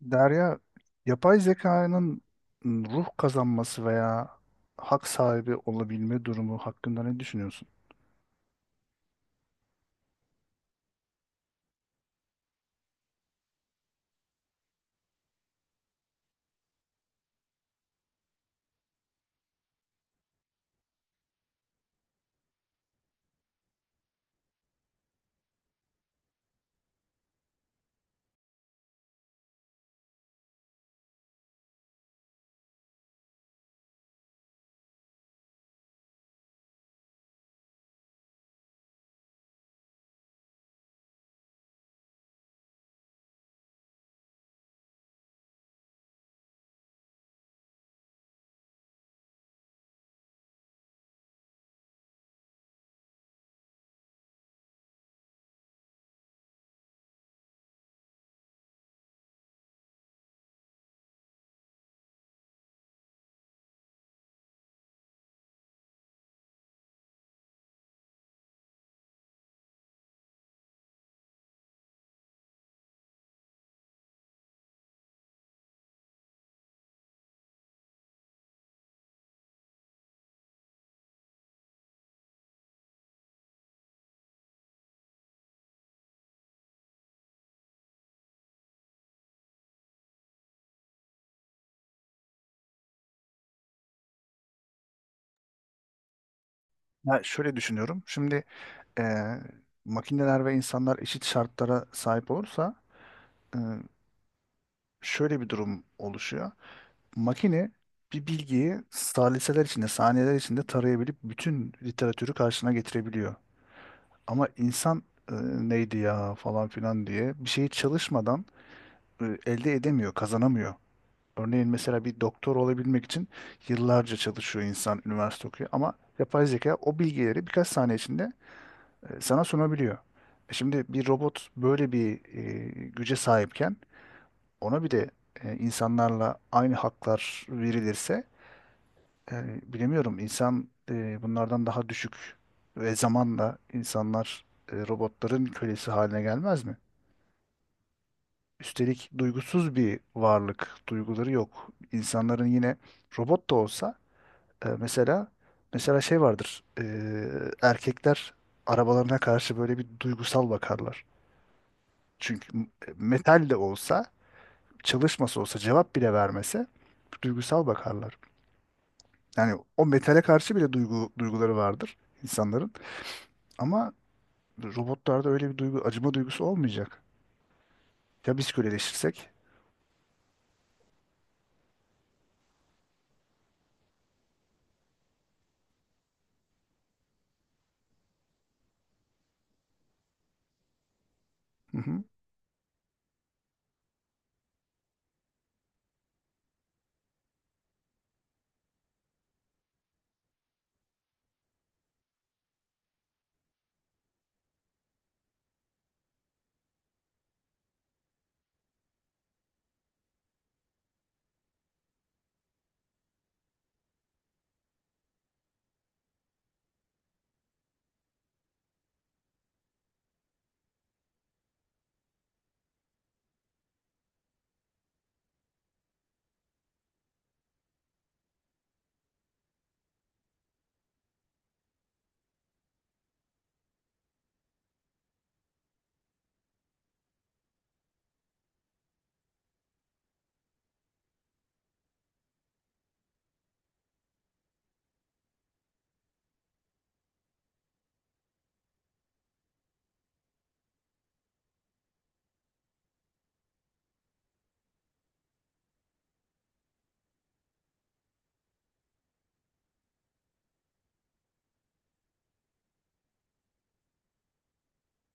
Derya, yapay zekanın ruh kazanması veya hak sahibi olabilme durumu hakkında ne düşünüyorsun? Ya şöyle düşünüyorum. Şimdi eee, makineler ve insanlar eşit şartlara sahip olursa eee, şöyle bir durum oluşuyor. Makine bir bilgiyi saliseler içinde, saniyeler içinde tarayabilip bütün literatürü karşına getirebiliyor. Ama insan neydi ya falan filan diye bir şeyi çalışmadan elde edemiyor, kazanamıyor. Örneğin mesela bir doktor olabilmek için yıllarca çalışıyor insan, üniversite okuyor ama yapay zeka o bilgileri birkaç saniye içinde sana sunabiliyor. Şimdi bir robot böyle bir güce sahipken ona bir de insanlarla aynı haklar verilirse bilemiyorum, insan bunlardan daha düşük ve zamanla insanlar robotların kölesi haline gelmez mi? Üstelik duygusuz bir varlık, duyguları yok. İnsanların yine robot da olsa. Mesela şey vardır. Erkekler arabalarına karşı böyle bir duygusal bakarlar. Çünkü metal de olsa, çalışması olsa, cevap bile vermese duygusal bakarlar. Yani o metale karşı bile duyguları vardır insanların. Ama robotlarda öyle bir duygu, acıma duygusu olmayacak. Ya biz köleleşirsek? Hı hı.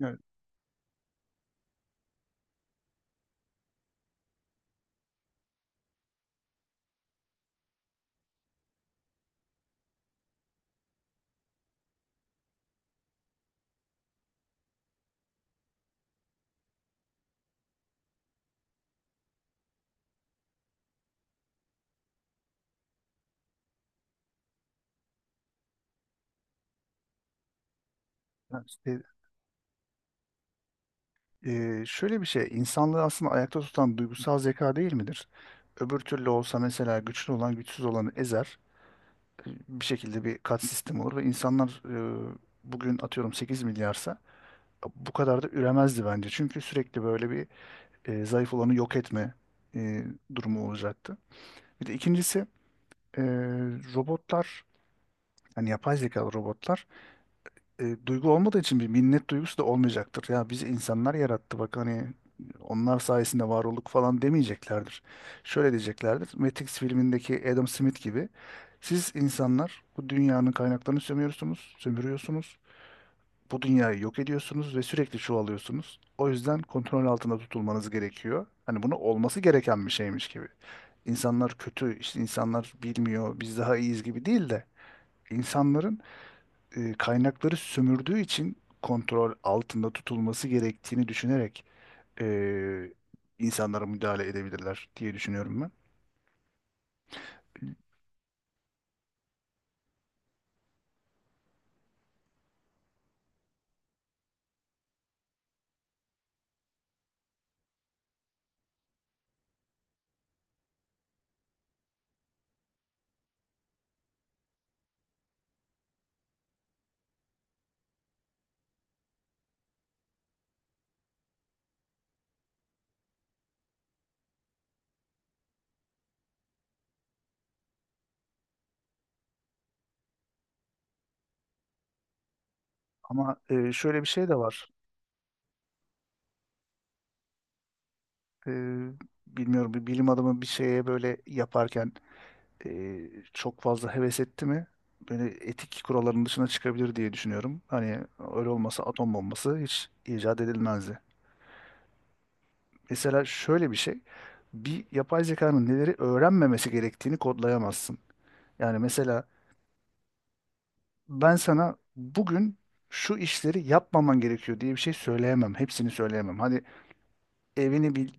Yani, yani, işte, şöyle bir şey, insanlığı aslında ayakta tutan duygusal zeka değil midir? Öbür türlü olsa mesela güçlü olan güçsüz olanı ezer. Bir şekilde bir kat sistemi olur ve insanlar bugün atıyorum 8 milyarsa bu kadar da üremezdi bence. Çünkü sürekli böyle bir zayıf olanı yok etme e, durumu olacaktı. Bir de ikincisi e, robotlar, yani yapay zekalı robotlar duygu olmadığı için bir minnet duygusu da olmayacaktır. Ya bizi insanlar yarattı, bak hani onlar sayesinde var olduk falan demeyeceklerdir. Şöyle diyeceklerdir. Matrix filmindeki Adam Smith gibi, siz insanlar bu dünyanın kaynaklarını sömürüyorsunuz, sömürüyorsunuz. Bu dünyayı yok ediyorsunuz ve sürekli çoğalıyorsunuz. O yüzden kontrol altında tutulmanız gerekiyor. Hani bunu olması gereken bir şeymiş gibi. İnsanlar kötü, işte insanlar bilmiyor, biz daha iyiyiz gibi değil de insanların kaynakları sömürdüğü için kontrol altında tutulması gerektiğini düşünerek e, insanlara müdahale edebilirler diye düşünüyorum ben. Ama şöyle bir şey de var. E, bilmiyorum, bir bilim adamı bir şeye böyle yaparken e, çok fazla heves etti mi? Böyle etik kuralların dışına çıkabilir diye düşünüyorum. Hani öyle olmasa atom bombası hiç icat edilmezdi. Mesela şöyle bir şey. Bir yapay zekanın neleri öğrenmemesi gerektiğini kodlayamazsın. Yani mesela ben sana bugün şu işleri yapmaman gerekiyor diye bir şey söyleyemem. Hepsini söyleyemem. Hani evini bil-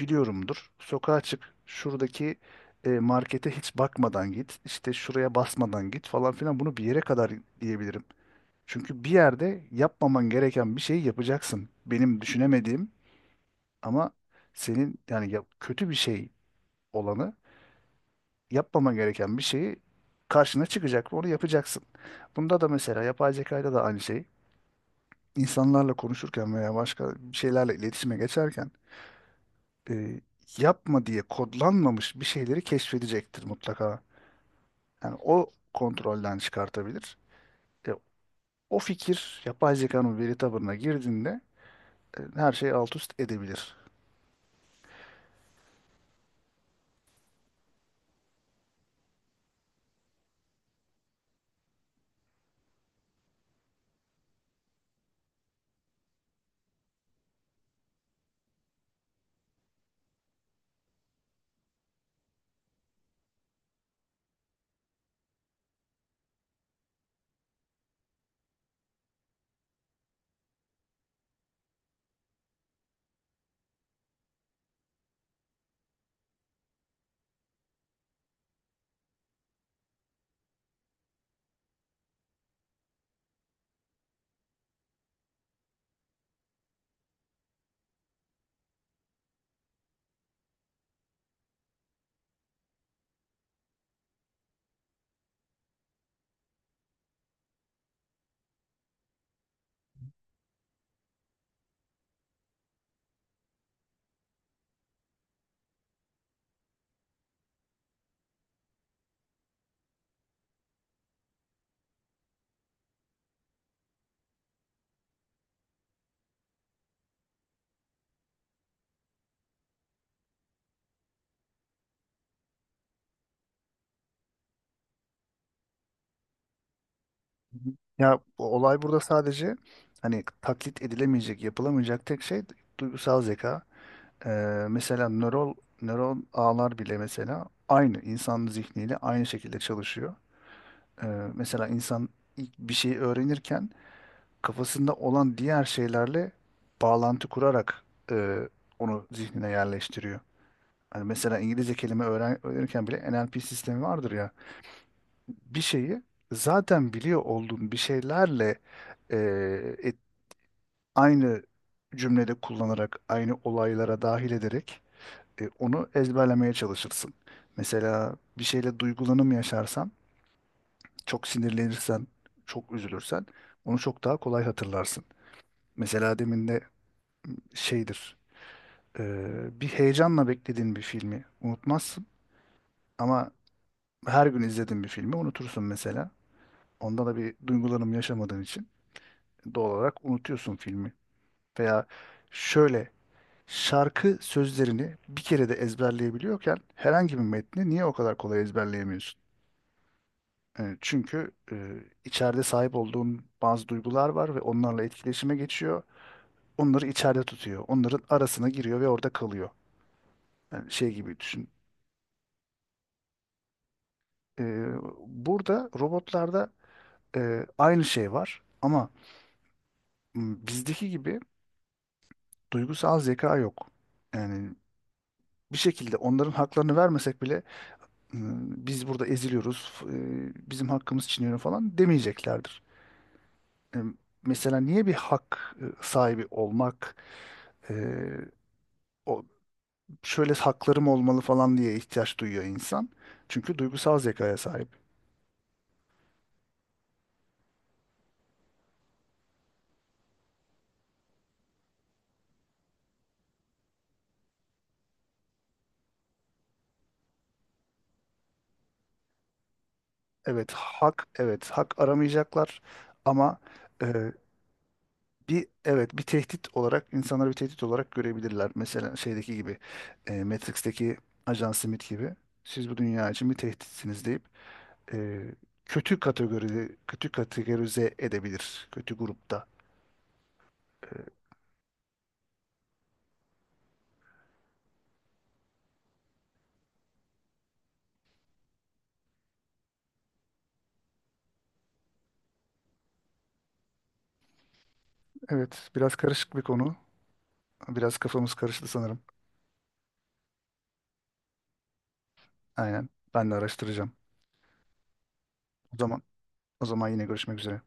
biliyorumdur. Sokağa çık. Şuradaki markete hiç bakmadan git. İşte şuraya basmadan git falan filan. Bunu bir yere kadar diyebilirim. Çünkü bir yerde yapmaman gereken bir şeyi yapacaksın. Benim düşünemediğim ama senin, kötü bir şey olanı, yapmaman gereken bir şeyi karşına çıkacak ve onu yapacaksın. Bunda da mesela yapay zekayla da aynı şey. İnsanlarla konuşurken veya başka bir şeylerle iletişime geçerken e, yapma diye kodlanmamış bir şeyleri keşfedecektir mutlaka. Yani o kontrolden çıkartabilir. E, o fikir yapay zekanın veri tabanına girdiğinde her şeyi alt üst edebilir. Hı hı. Ya bu olay burada sadece hani taklit edilemeyecek, yapılamayacak tek şey duygusal zeka. E, Mesela nöron ağlar bile mesela aynı insan zihniyle aynı şekilde çalışıyor. Ee, mesela insan ilk bir şey öğrenirken kafasında olan diğer şeylerle bağlantı kurarak e, onu zihnine yerleştiriyor. Hani mesela İngilizce kelime öğrenirken bile NLP sistemi vardır ya. Bir şeyi zaten biliyor olduğun bir şeylerle e, et- aynı cümlede kullanarak, aynı olaylara dahil ederek onu ezberlemeye çalışırsın. Mesela bir şeyle duygulanım yaşarsan, çok sinirlenirsen, çok üzülürsen onu çok daha kolay hatırlarsın. Mesela demin de şeydir, e, bir heyecanla beklediğin bir filmi unutmazsın ama her gün izlediğin bir filmi unutursun mesela. Onda da bir duygulanım yaşamadığın için doğal olarak unutuyorsun filmi. Veya şöyle, şarkı sözlerini bir kere de ezberleyebiliyorken herhangi bir metni niye o kadar kolay ezberleyemiyorsun? Çünkü içeride sahip olduğun bazı duygular var ve onlarla etkileşime geçiyor. Onları içeride tutuyor. Onların arasına giriyor ve orada kalıyor. Yani şey gibi düşün. Ee, burada robotlarda aynı şey var ama bizdeki gibi duygusal zeka yok. Yani bir şekilde onların haklarını vermesek bile, "Hmm, biz burada eziliyoruz, bizim hakkımız çiğneniyor" falan demeyeceklerdir. E, Mesela niye bir hak sahibi olmak, e, o şöyle haklarım olmalı falan diye ihtiyaç duyuyor insan? Çünkü duygusal zekaya sahip. Evet, hak aramayacaklar ama e, bir evet bir tehdit olarak insanları bir tehdit olarak görebilirler. Mesela şeydeki gibi, Matrix'teki Ajan Smith gibi, siz bu dünya için bir tehditsiniz deyip e, kötü kategorize edebilir, kötü grupta. Evet, biraz karışık bir konu. Biraz kafamız karıştı sanırım. Aynen, ben de araştıracağım. O zaman o zaman yine görüşmek üzere.